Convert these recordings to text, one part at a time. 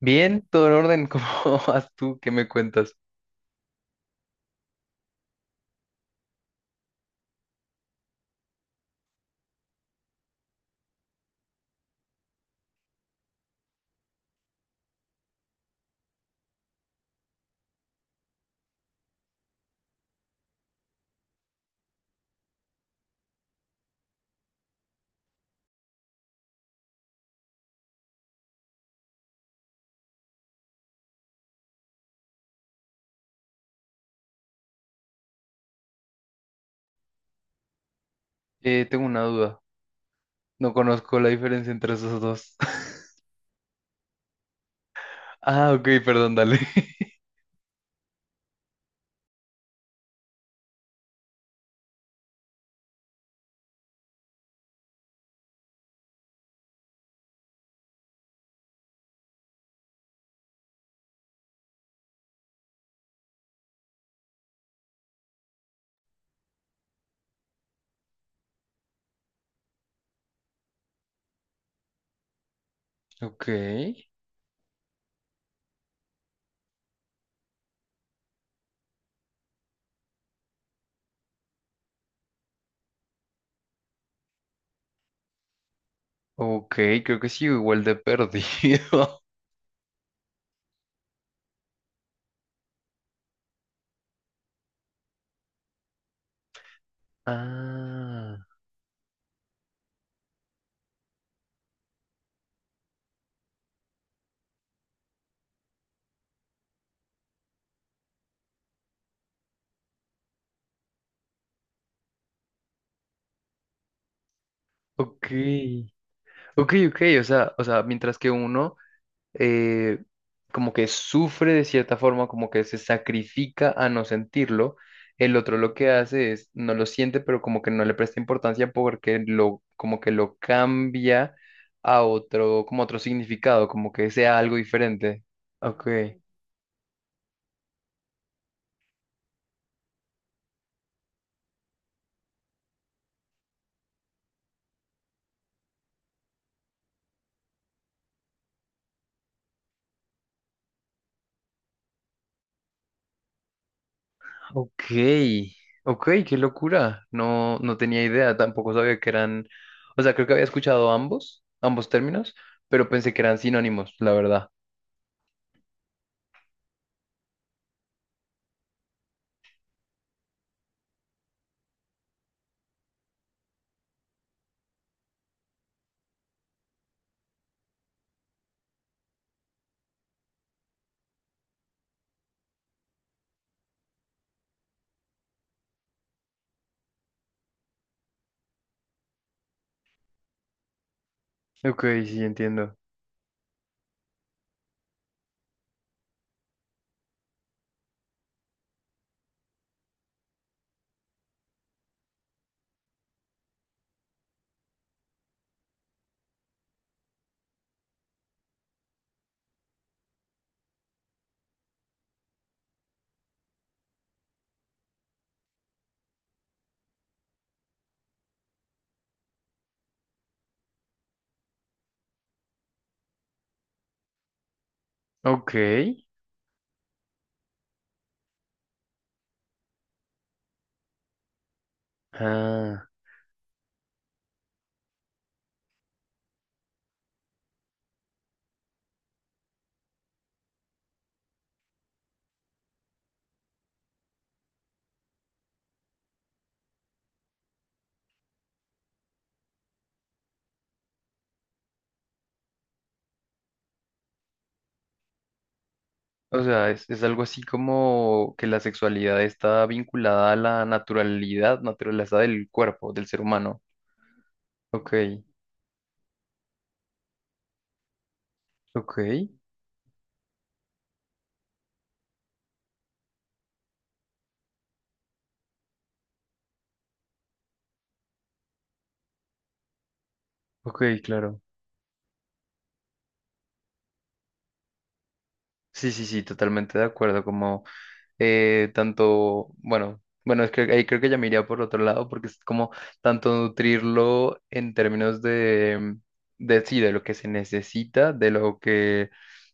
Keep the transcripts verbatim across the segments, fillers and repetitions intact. Bien, todo en orden, ¿cómo vas tú? ¿Qué me cuentas? Eh, tengo una duda. No conozco la diferencia entre esos dos. Ah, ok, perdón, dale. Ok, ok, creo que sí, igual de perdido. Ah, ok. Ok, ok, o sea, o sea, mientras que uno eh, como que sufre de cierta forma, como que se sacrifica a no sentirlo. El otro lo que hace es, no lo siente, pero como que no le presta importancia porque lo, como que lo cambia a otro, como otro significado, como que sea algo diferente. Ok, ok, ok, qué locura. No, no tenía idea, tampoco sabía que eran, o sea, creo que había escuchado ambos, ambos términos, pero pensé que eran sinónimos, la verdad. Ok, sí, entiendo. Ok. Ah, o sea, es, es algo así como que la sexualidad está vinculada a la naturalidad, naturaleza del cuerpo, del ser humano. Ok, ok, ok, claro. Sí, sí, sí, totalmente de acuerdo, como eh, tanto, bueno, bueno, es que ahí creo que ya me iría por otro lado porque es como tanto nutrirlo en términos de, de sí, de lo que se necesita, de lo que,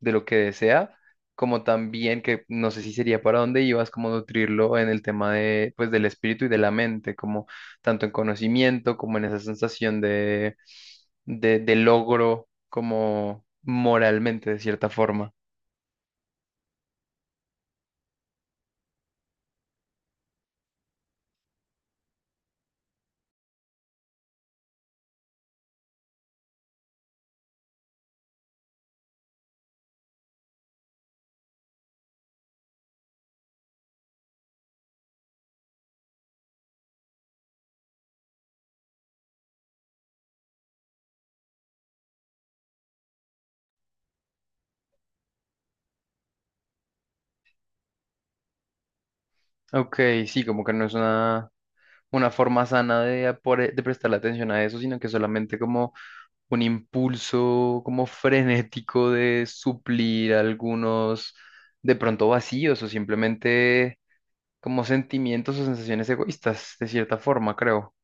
de lo que desea, como también que no sé si sería para dónde ibas, como nutrirlo en el tema de, pues, del espíritu y de la mente, como tanto en conocimiento como en esa sensación de, de, de logro, como moralmente, de cierta forma. Ok, sí, como que no es una... una forma sana de, apore- de prestarle atención a eso, sino que solamente como un impulso como frenético de suplir algunos de pronto vacíos o simplemente como sentimientos o sensaciones egoístas, de cierta forma, creo.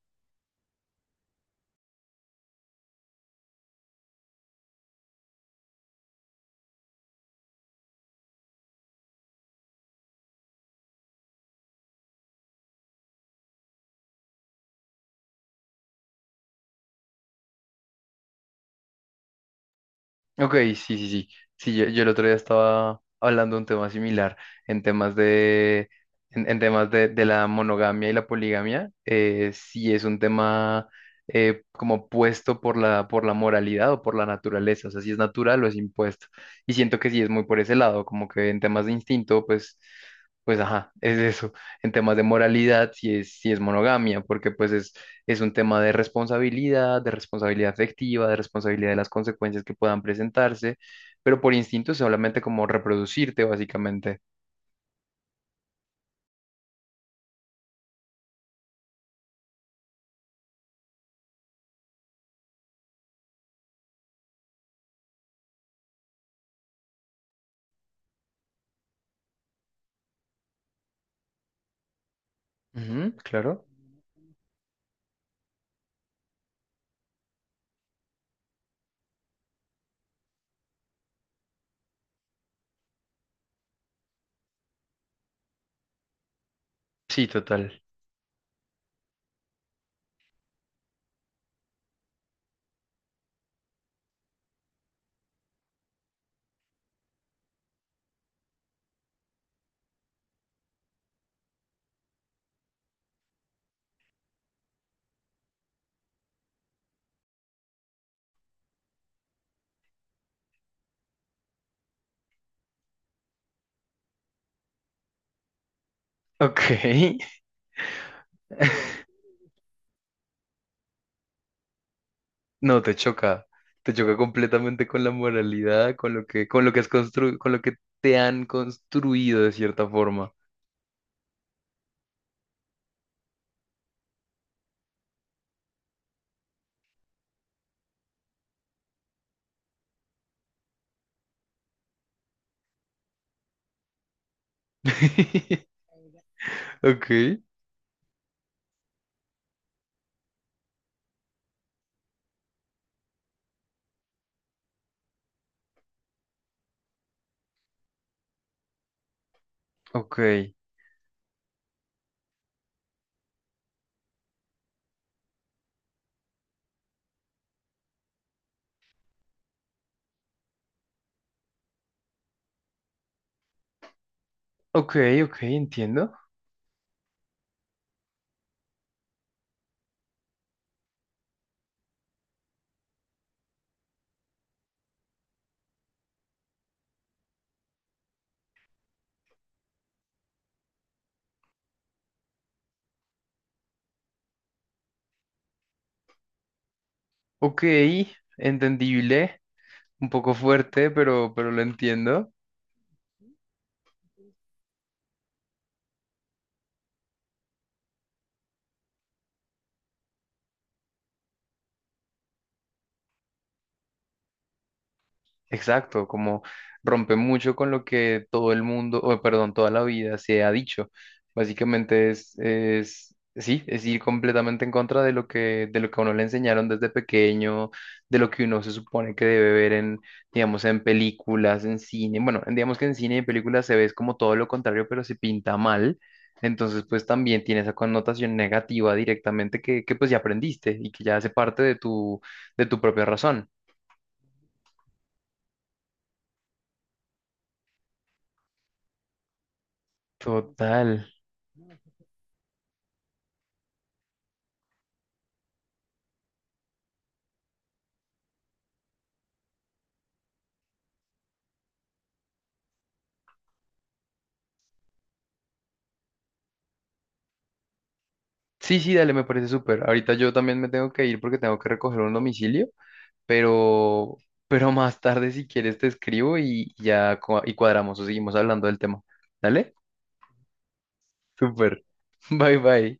Ok, sí, sí, sí. Sí, yo, yo el otro día estaba hablando de un tema similar en temas de, en, en temas de, de la monogamia y la poligamia. Eh, sí es un tema eh, como puesto por la, por la moralidad o por la naturaleza, o sea, si es natural o es impuesto. Y siento que sí es muy por ese lado, como que en temas de instinto, pues, pues ajá, es eso. En temas de moralidad, sí es, sí es monogamia, porque pues es un tema de responsabilidad, de responsabilidad afectiva, de responsabilidad de las consecuencias que puedan presentarse, pero por instinto es solamente como reproducirte, básicamente. Ujú, claro. Sí, total. Ok. No, te choca. Te choca completamente con la moralidad, con lo que, con lo que has constru- con lo que te han construido de cierta forma. Ok, ok, ok, ok, entiendo. Ok, entendible. Un poco fuerte, pero, pero lo entiendo. Exacto, como rompe mucho con lo que todo el mundo, o perdón, toda la vida se ha dicho. Básicamente es, es, sí, es ir completamente en contra de lo que, de lo que a uno le enseñaron desde pequeño, de lo que uno se supone que debe ver en, digamos, en películas, en cine. Bueno, en- digamos que en cine y en películas se ve es como todo lo contrario, pero se pinta mal. Entonces, pues también tiene esa connotación negativa directamente que, que pues ya aprendiste y que ya hace parte de tu, de tu propia razón. Total. Sí, sí, dale, me parece súper. Ahorita yo también me tengo que ir porque tengo que recoger un domicilio, pero, pero más tarde si quieres te escribo y ya cua- y cuadramos o seguimos hablando del tema. ¿Dale? Súper. Bye bye.